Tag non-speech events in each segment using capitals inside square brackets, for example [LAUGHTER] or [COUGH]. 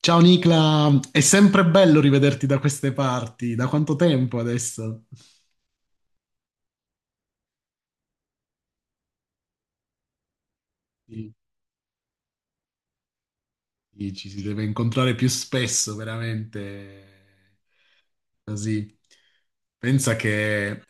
Ciao Nicla, è sempre bello rivederti da queste parti. Da quanto tempo adesso? Sì, sì, ci si deve incontrare più spesso, veramente. Così. Pensa che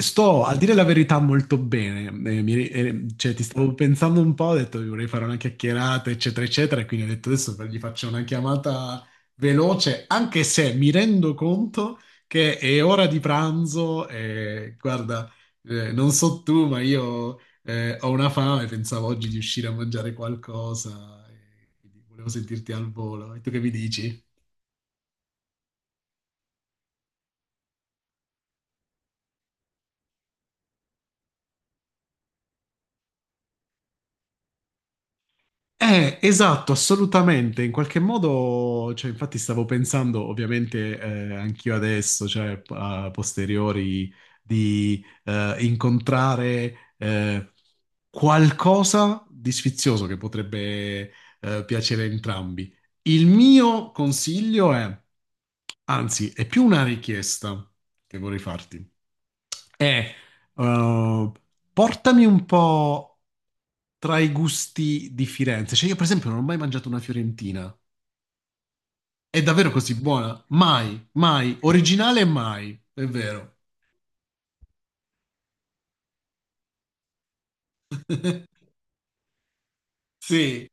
Sto, a dire la verità, molto bene. Cioè, ti stavo pensando un po', ho detto vorrei fare una chiacchierata, eccetera, eccetera, e quindi ho detto adesso gli faccio una chiamata veloce, anche se mi rendo conto che è ora di pranzo e guarda, non so tu, ma io ho una fame, pensavo oggi di uscire a mangiare qualcosa, e quindi volevo sentirti al volo. E tu che mi dici? Esatto, assolutamente. In qualche modo, cioè, infatti stavo pensando, ovviamente, anch'io adesso, cioè, a posteriori, di incontrare qualcosa di sfizioso che potrebbe piacere a entrambi. Il mio consiglio è, anzi, è più una richiesta che vorrei farti. Eh, eh, portami un po' tra i gusti di Firenze. Cioè, io, per esempio, non ho mai mangiato una fiorentina. È davvero così buona? Mai, mai. Originale, mai. È vero. [LAUGHS] Sì.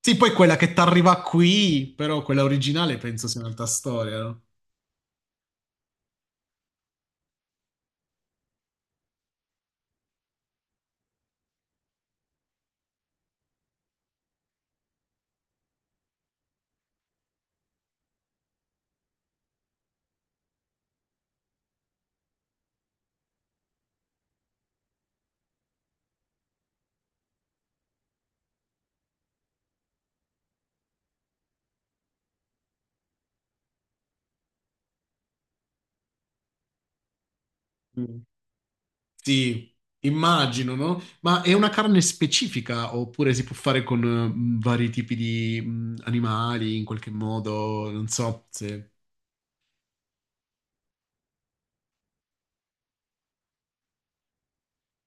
Sì, poi quella che ti arriva qui, però quella originale penso sia un'altra storia, no? Mm. Sì, immagino, no? Ma è una carne specifica oppure si può fare con vari tipi di animali in qualche modo? Non so se.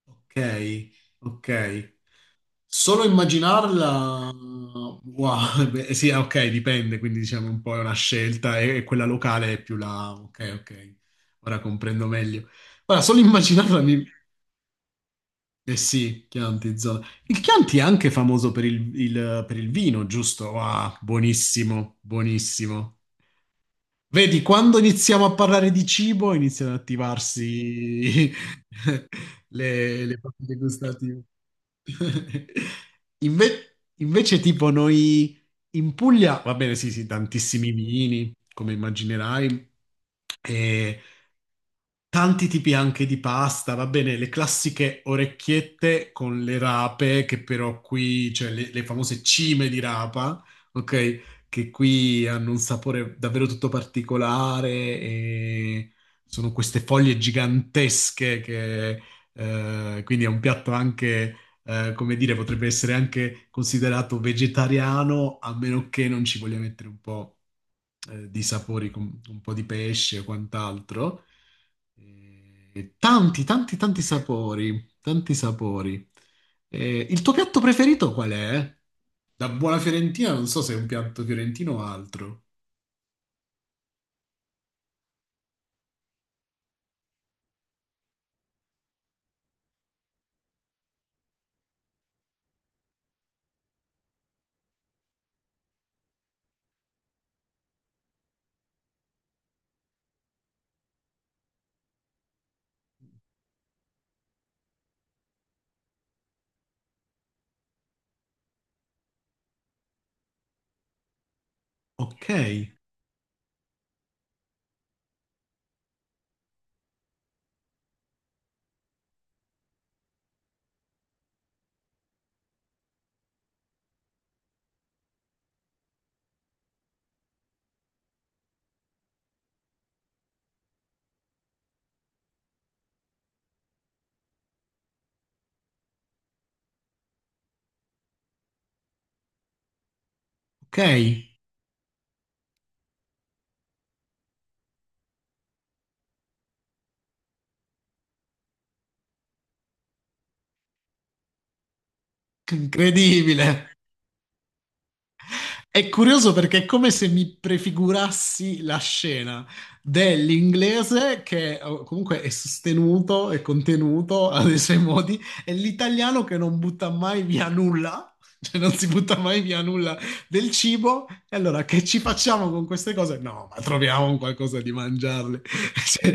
Ok, ok. Solo immaginarla, wow, [LAUGHS] beh, sì, ok, dipende, quindi diciamo un po' è una scelta e quella locale è più la. Ok, ok, ora comprendo meglio. Ora, solo immaginarla mi. Eh sì, Chianti, zona. Il Chianti è anche famoso per per il vino, giusto? Ah, buonissimo, buonissimo. Vedi, quando iniziamo a parlare di cibo, iniziano ad attivarsi [LAUGHS] le papille gustative. [LAUGHS] Invece, tipo, noi in Puglia, va bene, sì, sì, tantissimi vini, come immaginerai, e tanti tipi anche di pasta, va bene, le classiche orecchiette con le rape, che però qui, cioè le famose cime di rapa, ok? Che qui hanno un sapore davvero tutto particolare e sono queste foglie gigantesche che, quindi è un piatto anche, come dire, potrebbe essere anche considerato vegetariano, a meno che non ci voglia mettere un po', di sapori, con un po' di pesce o quant'altro. Tanti, tanti, tanti sapori, tanti sapori. Il tuo piatto preferito qual è? Da buona fiorentina, non so se è un piatto fiorentino o altro. Ok, ok, incredibile. È curioso perché è come se mi prefigurassi la scena dell'inglese che comunque è sostenuto e contenuto [LAUGHS] nei suoi modi e l'italiano che non butta mai via nulla, [LAUGHS] cioè non si butta mai via nulla del cibo. E allora che ci facciamo con queste cose? No, ma troviamo un qualcosa di mangiarle. [LAUGHS] Cioè,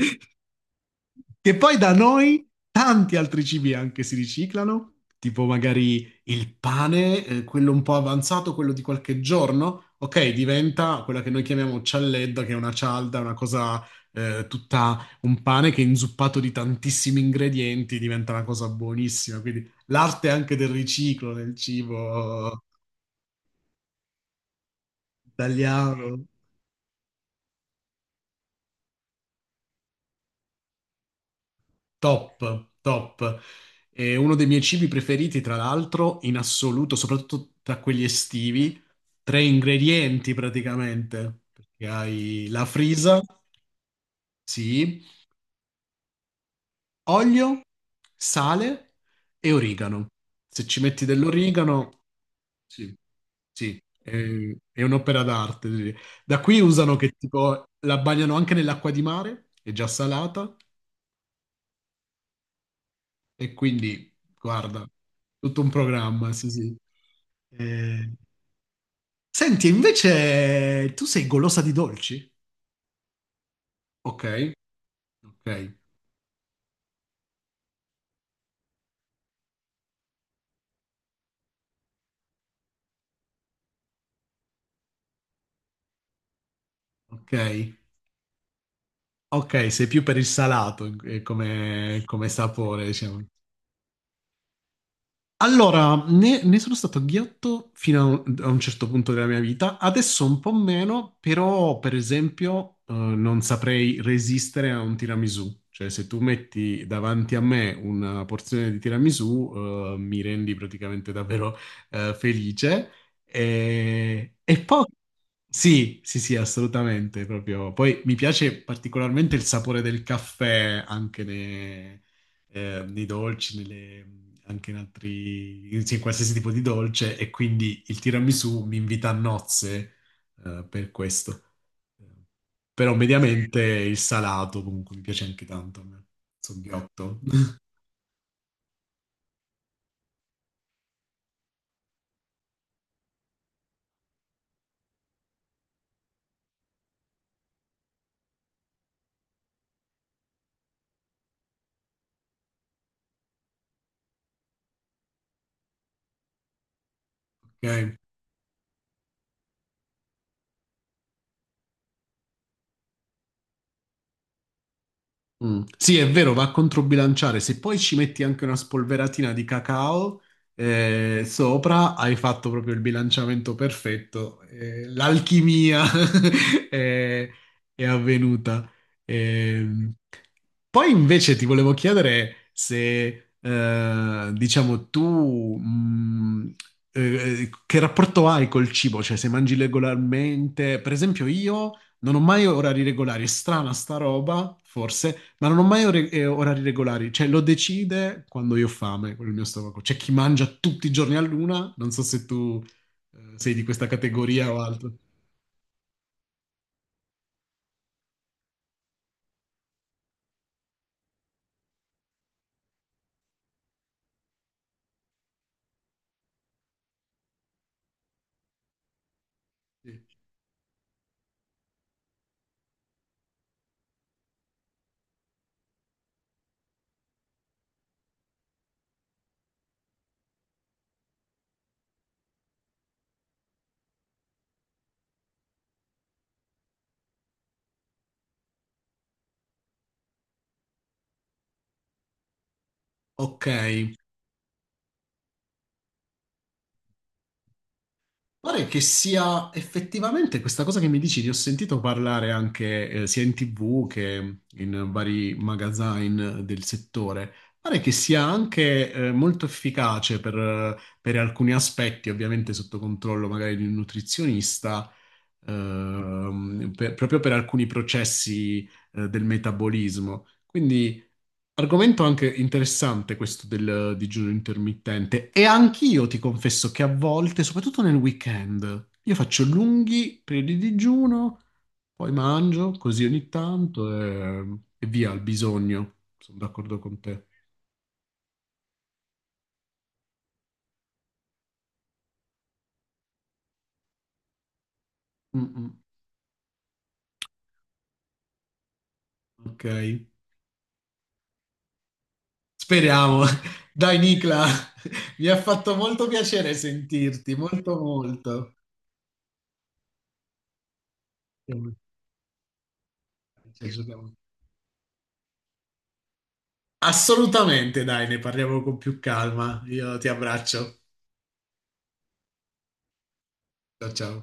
che poi da noi tanti altri cibi anche si riciclano, tipo magari il pane, quello un po' avanzato, quello di qualche giorno, ok, diventa quella che noi chiamiamo cialledda, che è una cialda, una cosa tutta un pane che è inzuppato di tantissimi ingredienti, diventa una cosa buonissima. Quindi l'arte anche del riciclo nel cibo italiano. Top, top. È uno dei miei cibi preferiti, tra l'altro, in assoluto, soprattutto tra quelli estivi. Tre ingredienti praticamente, perché hai la frisa, sì, olio, sale e origano. Se ci metti dell'origano, sì, sì, è un'opera d'arte. Sì. Da qui usano che tipo la bagnano anche nell'acqua di mare, è già salata. E quindi, guarda, tutto un programma, sì, sì. Eh, Senti, invece tu sei golosa di dolci? Ok, ok, ok, ok, sei più per il salato come sapore, diciamo. Allora, ne sono stato ghiotto fino a un certo punto della mia vita, adesso un po' meno, però per esempio non saprei resistere a un tiramisù, cioè se tu metti davanti a me una porzione di tiramisù mi rendi praticamente davvero felice e poi sì, sì, sì, assolutamente, proprio. Poi mi piace particolarmente il sapore del caffè anche nei dolci, anche in altri, sì, in sì, qualsiasi tipo di dolce, e quindi il tiramisù mi invita a nozze, per questo. Però mediamente il salato comunque mi piace anche tanto a me. Soghiotto, [LAUGHS] ok? Mm. Sì, è vero, va a controbilanciare. Se poi ci metti anche una spolveratina di cacao sopra, hai fatto proprio il bilanciamento perfetto. L'alchimia [LAUGHS] è, è avvenuta. Ehm, Poi invece ti volevo chiedere se, diciamo, tu eh, che rapporto hai col cibo? Cioè, se mangi regolarmente, per esempio io. Non ho mai orari regolari, è strana sta roba, forse, ma non ho mai orari regolari, cioè lo decide quando io ho fame, quello è il mio stomaco. C'è chi mangia tutti i giorni a luna, non so se tu sei di questa categoria o altro. Sì. Ok, pare che sia effettivamente questa cosa che mi dici, ne ho sentito parlare anche sia in TV che in vari magazzine del settore. Pare che sia anche molto efficace per alcuni aspetti, ovviamente sotto controllo magari di un nutrizionista, proprio per alcuni processi del metabolismo. Quindi. Argomento anche interessante questo del digiuno intermittente e anch'io ti confesso che a volte, soprattutto nel weekend, io faccio lunghi periodi di digiuno, poi mangio così ogni tanto e via al bisogno. Sono d'accordo con te. Mm, mm. Ok, speriamo. [LAUGHS] Dai, Nicla, [LAUGHS] mi ha fatto molto piacere sentirti, molto molto. Ci aggiorniamo. Assolutamente, dai, ne parliamo con più calma. Io ti abbraccio. Ciao ciao.